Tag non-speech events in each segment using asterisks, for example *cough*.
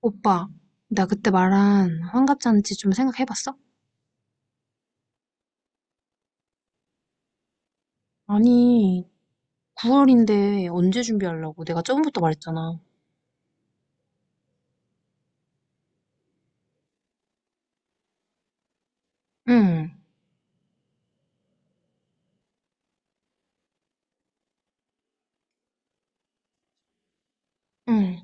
오빠, 나 그때 말한 환갑잔치 좀 생각해봤어? 아니, 9월인데 언제 준비하려고? 내가 처부터 말했잖아. 응, 응,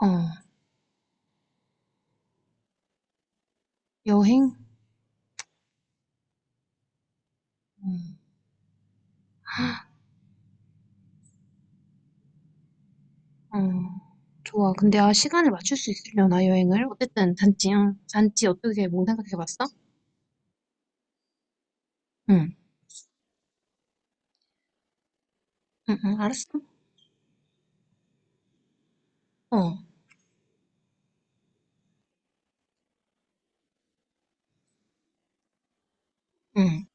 어, 여행? 응, 어, 좋아. 근데 아, 시간을 맞출 수 있으려나, 여행을? 어쨌든, 잔치, 응. 잔치 어떻게, 뭐 생각해봤어? 응, 응, 응, 알았어. 어, 응.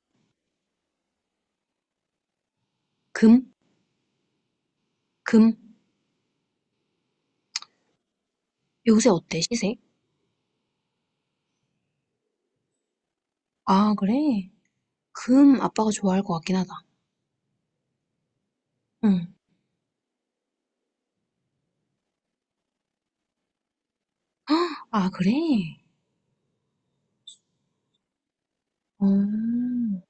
금? 금? 요새 어때, 시세? 아, 그래? 금 아빠가 좋아할 것 같긴 하다. 응. 아, 그래? 어, 응,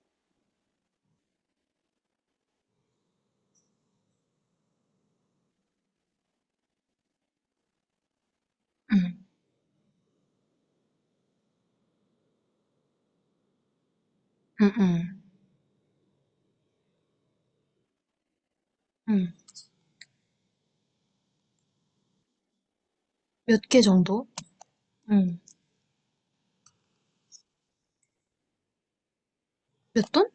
응, 응. 응. 몇 개 정도? 응. 몇 돈?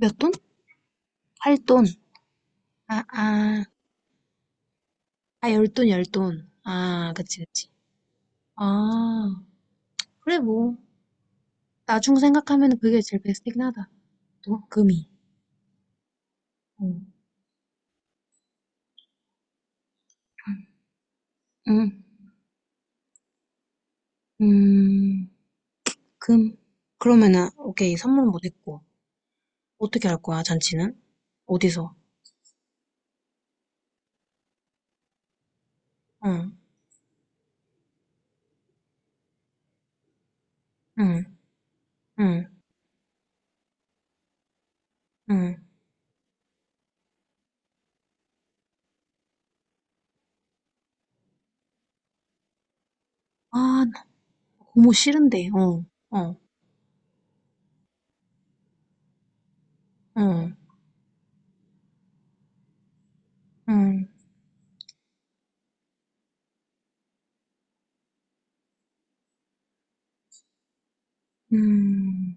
몇 돈? 8돈. 아, 아. 아, 열돈열돈. 아, 그치, 그치. 아, 그래, 뭐. 나중 생각하면 그게 제일 베스트긴 하다. 또, 금이. 응. 음, 음, 금. 그러면은, 오케이, 선물은 못 했고. 어떻게 할 거야, 잔치는? 어디서? 응, 응, 응, 응. 아, 나 고모 싫은데, 어, 어, 어, 응, 음,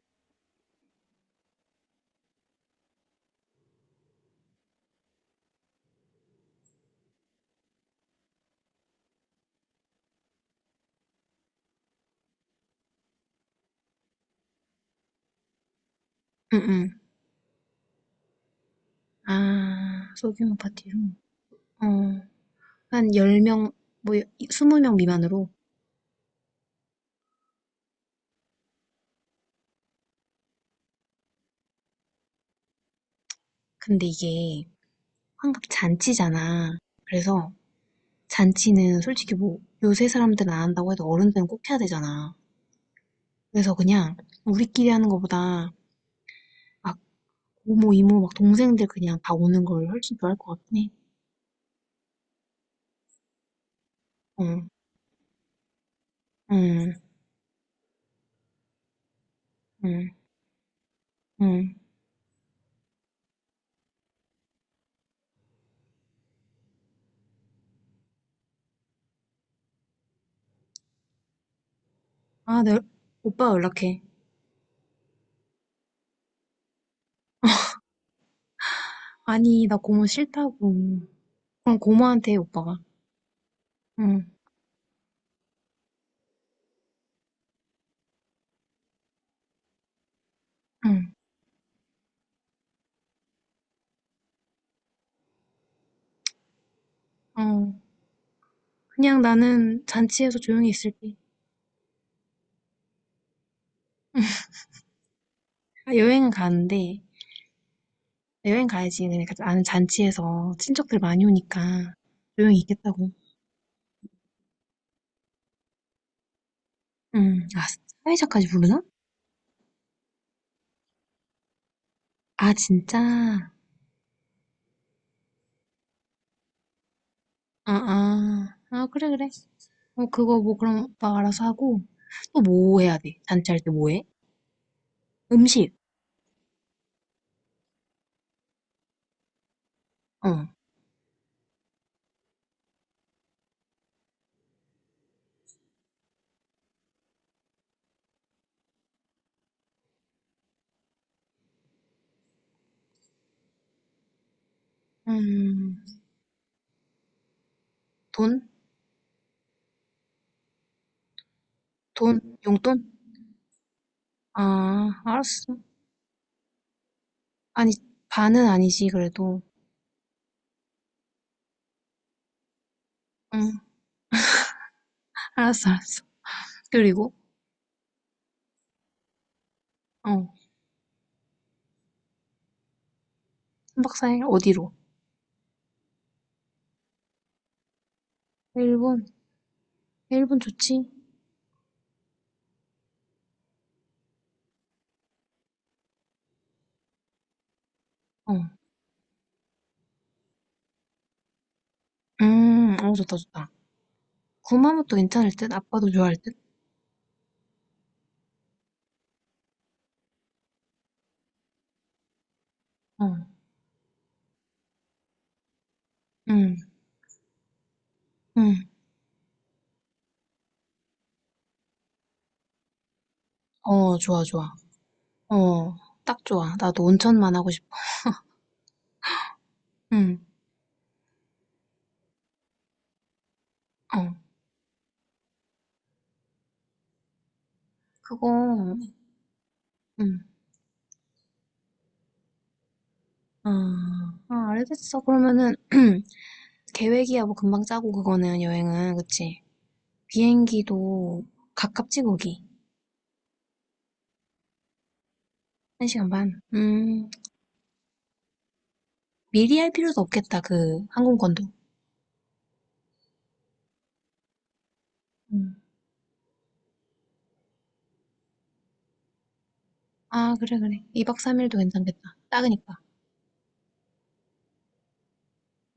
응, 응. 아, 소규모 파티로. 어, 한 10명, 뭐, 20명 미만으로. 근데 이게 환갑 잔치잖아. 그래서 잔치는 솔직히 뭐, 요새 사람들은 안 한다고 해도 어른들은 꼭 해야 되잖아. 그래서 그냥 우리끼리 하는 것보다 막 고모, 이모, 막 동생들 그냥 다 오는 걸 훨씬 좋아할 것 같긴 해. 어, 응, 응, 응. 응. 아, 내 오빠 연락해. 아니, 나 고모 싫다고. 그럼 고모한테 해, 오빠가. 응, 응, 어. 그냥 나는 잔치에서 조용히 있을게. 아, 여행은 가는데, 여행 가야지. 그러니까 나는 잔치에서 친척들 많이 오니까 조용히 있겠다고. 응, 아, 사회자까지 부르나? 아, 진짜? 아, 아, 아, 그래, 그래. 어, 그거 뭐 그럼 오빠가 알아서 하고, 또 뭐 해야 돼? 잔치할 때 뭐 해? 음식, 어, 음, 돈? 돈? 용돈? 아, 알았어. 아니, 반은 아니지, 그래도. 응, 알았어, 알았어. 그리고, 어. 3박 4일 어디로? 일본? 일본 좋지? 어. 어, 좋다, 좋다. 구마모토 괜찮을 듯? 아빠도 좋아할 듯? 어. 음, 음. 어, 좋아, 좋아. 어, 딱 좋아. 나도 온천만 하고 싶어. 음, 어. 그거, 음. 아, 아, 알겠어. 그러면은, *clears throat* 계획이야, 뭐, 금방 짜고, 그거는, 여행은. 그치? 비행기도 가깝지, 거기. 한 시간 반. 미리 할 필요도 없겠다, 그, 항공권도. 음. 아, 그래, 그래. 2박 3일도 괜찮겠다. 딱으니까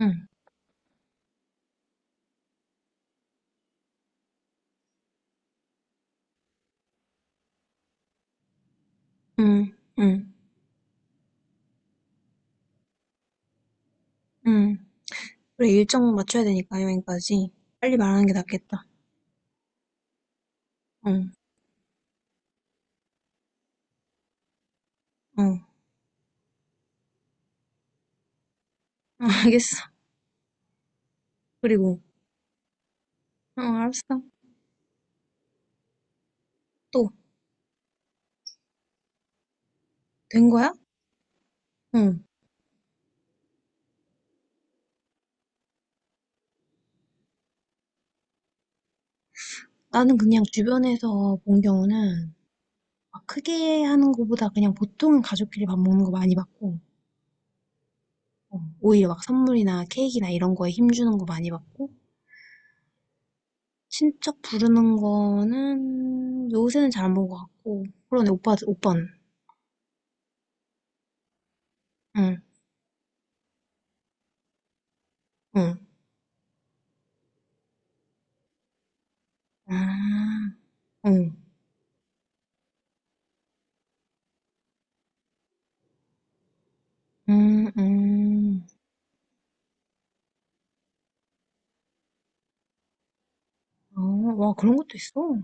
응, 응, 응, 응. 그래, 일정 맞춰야 되니까, 여행까지. 빨리 말하는 게 낫겠다. 응, 응. 응, 알겠어. 그리고, 응, 알았어. 또, 된 거야? 응. 나는 그냥 주변에서 본 경우는 막 크게 하는 거보다 그냥 보통은 가족끼리 밥 먹는 거 많이 받고, 어, 오히려 막 선물이나 케이크나 이런 거에 힘주는 거 많이 받고, 친척 부르는 거는 요새는 잘 안 본 것 같고, 그러네, 오빠, 오빠는. 응. 응. 아, 응. 음, 음. 어, 와, 그런 것도 있어.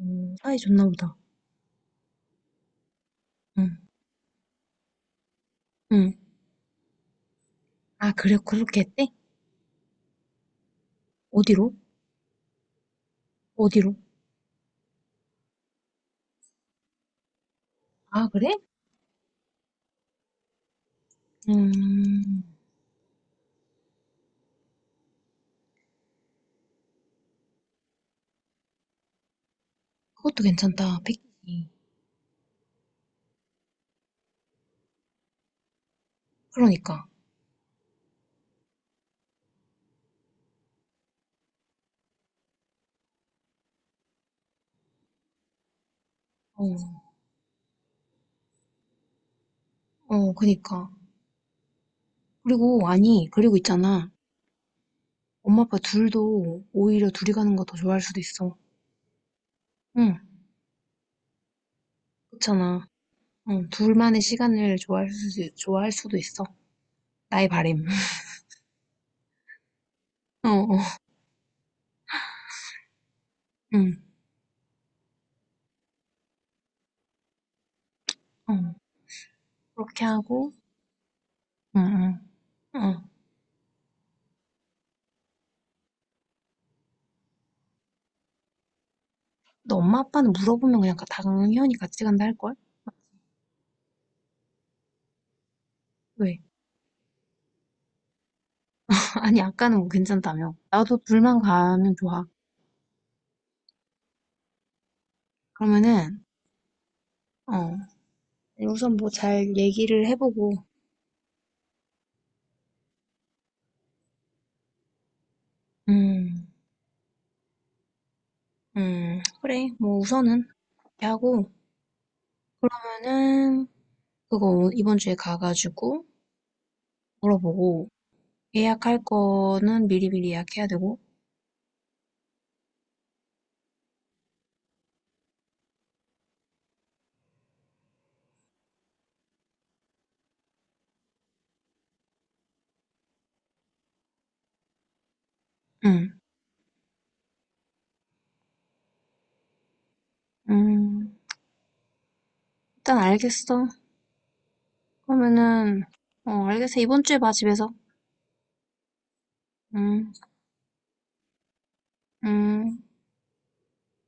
사이 좋나 보다. 응, 응. 아, 그래, 그렇게 했대? 어디로? 어디로? 아, 그래? 음, 그것도 괜찮다. 패키지. 그러니까. 어, 어, 그니까. 그리고, 아니, 그리고 있잖아. 엄마, 아빠 둘도 오히려 둘이 가는 거 더 좋아할 수도 있어. 응, 그렇잖아. 응, 둘만의 시간을 좋아할 수, 좋아할 수도 있어. 나의 바램. *laughs* 어, 어, 응, 어. 그렇게 하고, 응, 응, 응. 너 엄마 아빠는 물어보면 그냥 당연히 같이 간다 할걸? 왜? *laughs* 아니, 아까는 뭐 괜찮다며. 나도 둘만 가면 좋아. 그러면은, 어, 우선 뭐 잘 얘기를 해보고, 음, 그래. 뭐 우선은, 이렇게 하고, 그러면은, 그거 이번 주에 가가지고 물어보고, 예약할 거는 미리미리 예약해야 되고, 응, 음, 일단 알겠어. 그러면은, 어, 알겠어. 이번 주에 봐, 집에서. 응, 응.